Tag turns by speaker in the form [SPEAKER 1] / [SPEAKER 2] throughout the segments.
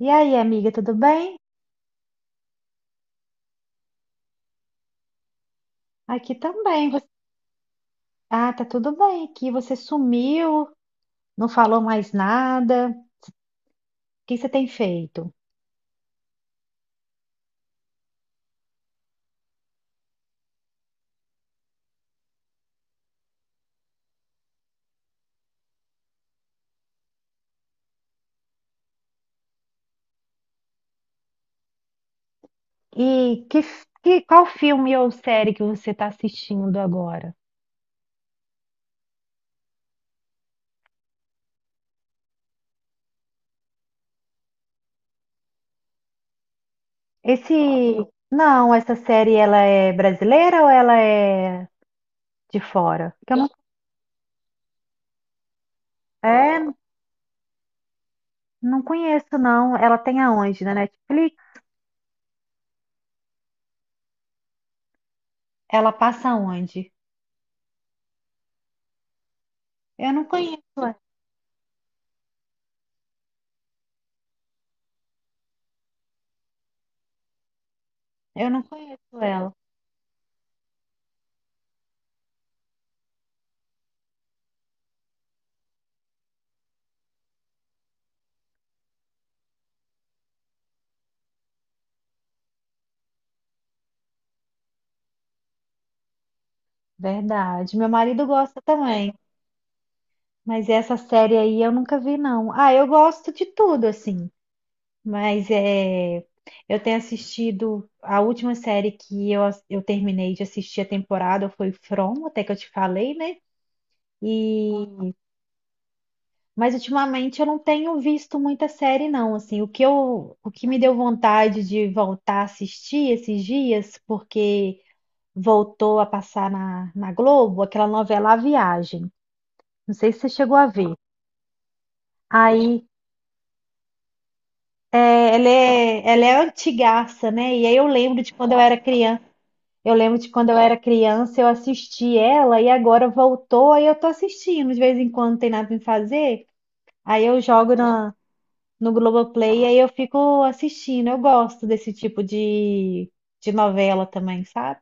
[SPEAKER 1] E aí, amiga, tudo bem? Aqui também. Ah, tá tudo bem aqui. Você sumiu, não falou mais nada. O que você tem feito? E qual filme ou série que você está assistindo agora? Esse, não, essa série ela é brasileira ou ela é de fora? Que eu não, é, não conheço não. Ela tem aonde? Na Netflix? Ela passa aonde? Eu não conheço ela. Eu não conheço ela. Verdade. Meu marido gosta também. Mas essa série aí eu nunca vi, não. Ah, eu gosto de tudo, assim. Mas é, eu tenho assistido. A última série que eu terminei de assistir a temporada foi From, até que eu te falei, né? E, mas ultimamente eu não tenho visto muita série, não. Assim, o que me deu vontade de voltar a assistir esses dias, porque voltou a passar na Globo, aquela novela A Viagem. Não sei se você chegou a ver. Aí. É, ela é antigaça, né? E aí eu lembro de quando eu era criança. Eu lembro de quando eu era criança, eu assisti ela e agora voltou, aí eu tô assistindo de vez em quando, não tem nada pra fazer. Aí eu jogo no Globoplay e aí eu fico assistindo. Eu gosto desse tipo de novela também, sabe?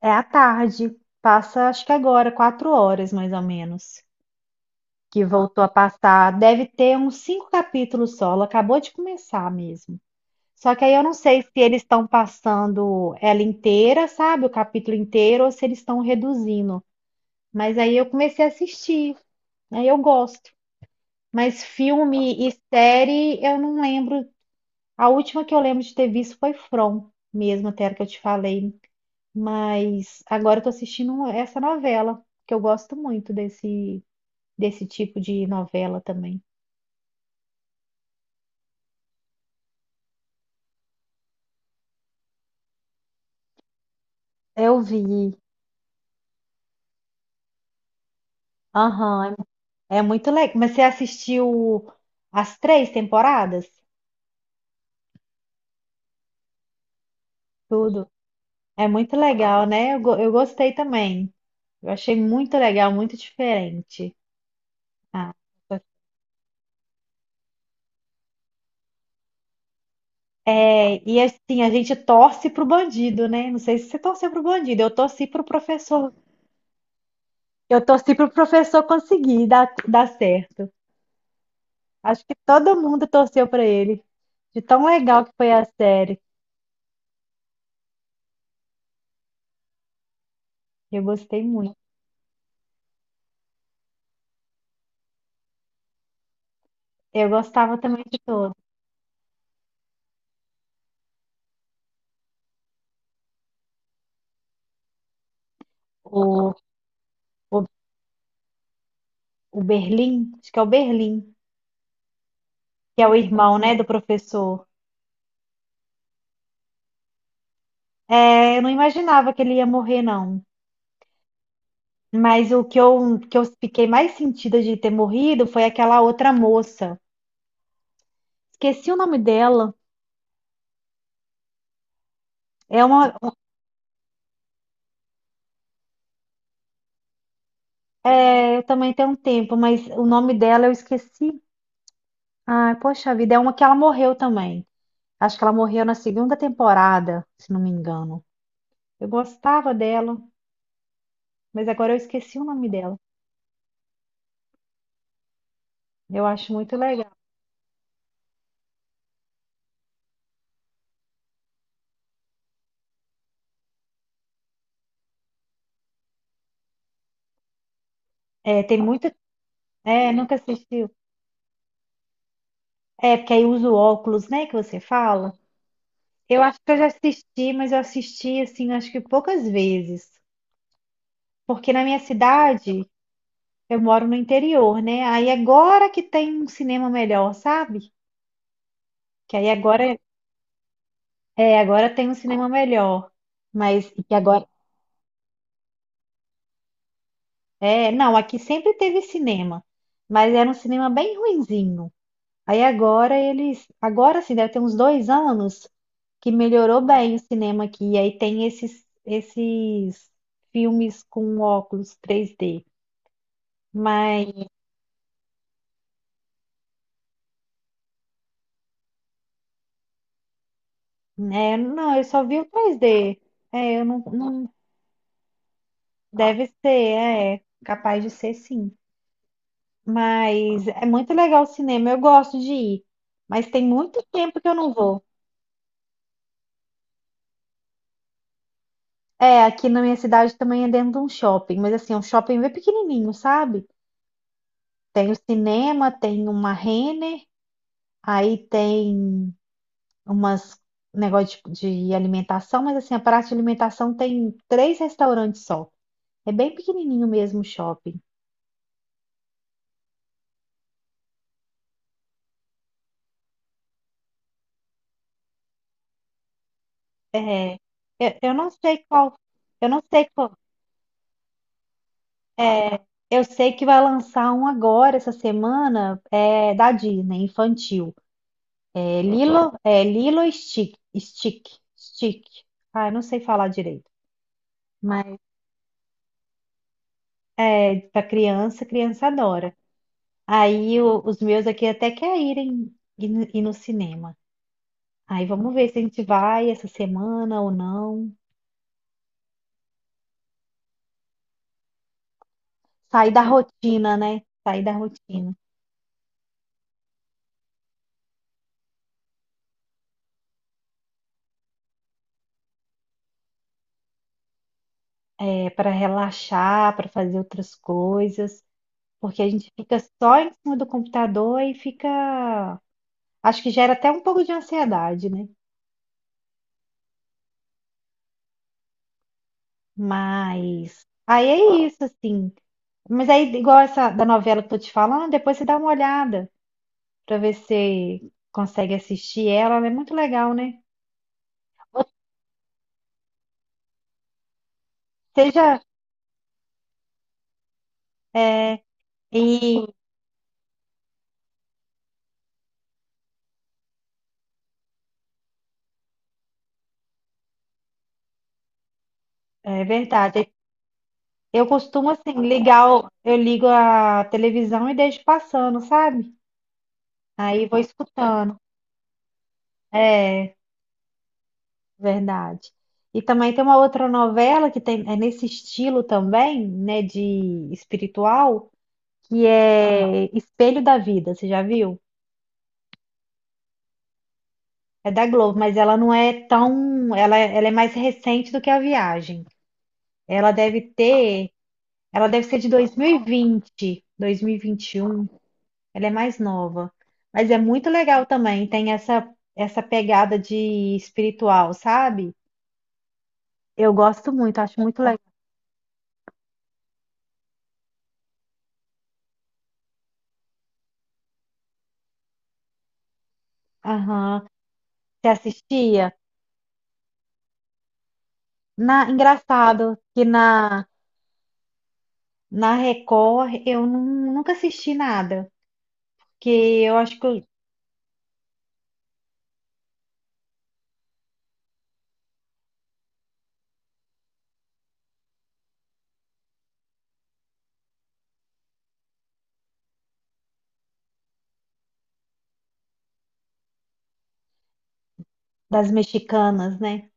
[SPEAKER 1] É à tarde. Passa, acho que agora, 4 horas mais ou menos, que voltou a passar. Deve ter uns 5 capítulos só. Ela acabou de começar mesmo. Só que aí eu não sei se eles estão passando ela inteira, sabe? O capítulo inteiro, ou se eles estão reduzindo. Mas aí eu comecei a assistir, aí eu gosto. Mas filme e série eu não lembro. A última que eu lembro de ter visto foi From, mesmo até a que eu te falei. Mas agora eu tô assistindo essa novela, que eu gosto muito desse tipo de novela também. Eu vi. Aham, é muito legal. Mas você assistiu as 3 temporadas? Tudo. É muito legal, né? Eu gostei também. Eu achei muito legal, muito diferente. Ah, é, e assim, a gente torce pro bandido, né? Não sei se você torceu pro bandido, eu torci pro professor. Eu torci pro professor conseguir dar certo. Acho que todo mundo torceu pra ele. De tão legal que foi a série. Eu gostei muito. Eu gostava também de todo. O, o, o Berlim, acho que é o Berlim, que é o irmão, né, do professor. É, eu não imaginava que ele ia morrer, não. Mas o que eu fiquei mais sentida de ter morrido foi aquela outra moça. Esqueci o nome dela. É uma, É, eu também tenho um tempo, mas o nome dela eu esqueci. Ai, poxa vida, é uma que ela morreu também. Acho que ela morreu na segunda temporada, se não me engano. Eu gostava dela, mas agora eu esqueci o nome dela. Eu acho muito legal. É, tem muito. É, nunca assistiu. É, porque aí usa o óculos, né, que você fala. Eu acho que eu já assisti, mas eu assisti assim, acho que poucas vezes. Porque na minha cidade, eu moro no interior, né? Aí agora que tem um cinema melhor, sabe? Que aí agora tem um cinema melhor. Mas não, aqui sempre teve cinema, mas era um cinema bem ruinzinho. Aí agora sim, deve ter uns 2 anos que melhorou bem o cinema aqui. E aí tem esses filmes com óculos 3D. Mas né não, eu só vi o 3D. É, eu não, não deve ser, é, capaz de ser sim. Mas é muito legal o cinema, eu gosto de ir. Mas tem muito tempo que eu não vou. É, aqui na minha cidade também é dentro de um shopping, mas assim, é um shopping bem pequenininho, sabe? Tem o cinema, tem uma Renner, aí tem umas negócio de, tipo, de alimentação, mas assim, a praça de alimentação tem 3 restaurantes só. É bem pequenininho mesmo o shopping. É, eu não sei qual, é, eu sei que vai lançar um agora essa semana, da Disney, infantil. É Lilo e Stick. Ah, eu não sei falar direito, mas é para criança, criança adora. Aí os meus aqui até querem ir, ir no cinema. Aí vamos ver se a gente vai essa semana ou não. Sair da rotina, né? Sair da rotina. É para relaxar, para fazer outras coisas, porque a gente fica só em cima do computador e fica. Acho que gera até um pouco de ansiedade, né? Mas aí é isso, assim. Mas aí, igual essa da novela que eu tô te falando, depois você dá uma olhada para ver se consegue assistir ela. Ela é muito legal, né? Seja. É, e é verdade. Eu costumo assim ligar, eu ligo a televisão e deixo passando, sabe? Aí vou escutando. É, verdade. E também tem uma outra novela que tem, é nesse estilo também, né, de espiritual, que é Espelho da Vida, você já viu? É da Globo, mas ela não é tão, ela é mais recente do que a Viagem. Ela deve ter, ela deve ser de 2020, 2021, ela é mais nova. Mas é muito legal também, tem essa pegada de espiritual, sabe? Eu gosto muito, acho muito legal. Você assistia? Engraçado que na Record eu nunca assisti nada, porque eu acho que eu- das mexicanas, né?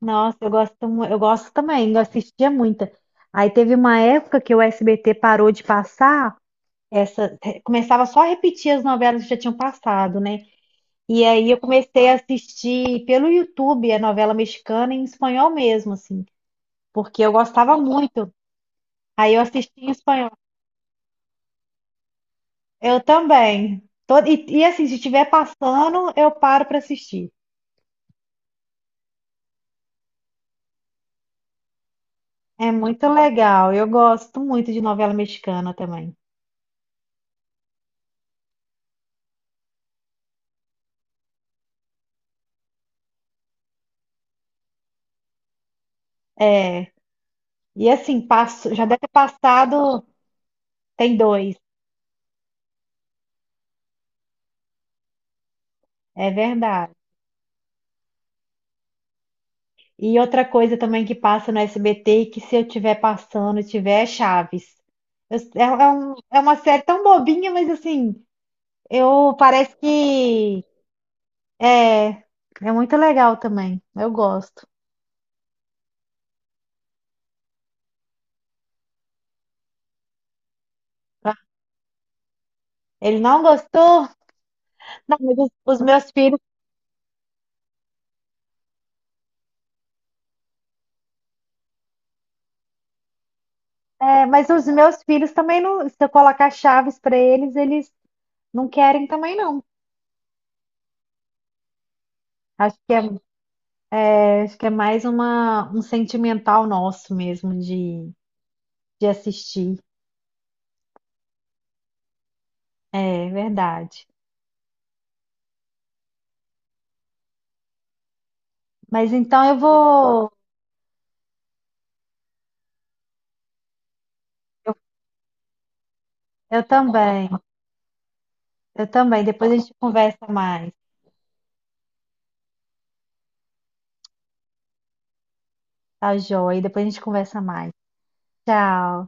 [SPEAKER 1] Nossa, eu gosto também, eu assistia muita. Aí teve uma época que o SBT parou de passar começava só a repetir as novelas que já tinham passado, né? E aí eu comecei a assistir pelo YouTube a novela mexicana em espanhol mesmo, assim, porque eu gostava muito. Aí eu assisti em espanhol. Eu também. E assim, se estiver passando, eu paro para assistir. É muito legal. Eu gosto muito de novela mexicana também. É. E assim, já deve ter passado. Tem dois, é verdade. E outra coisa também que passa no SBT e que se eu estiver passando, tiver é Chaves. É uma série tão bobinha, mas assim, eu parece que é, é muito legal também. Eu gosto. Tá? Ele não gostou? Não, mas os meus filhos, mas os meus filhos também não, se eu colocar Chaves para eles, eles não querem também não. Acho que é mais um sentimental nosso mesmo de assistir. É verdade. Mas então eu vou, eu, eu também, eu também. Depois a gente conversa mais, tá, joia? Depois a gente conversa mais. Tchau.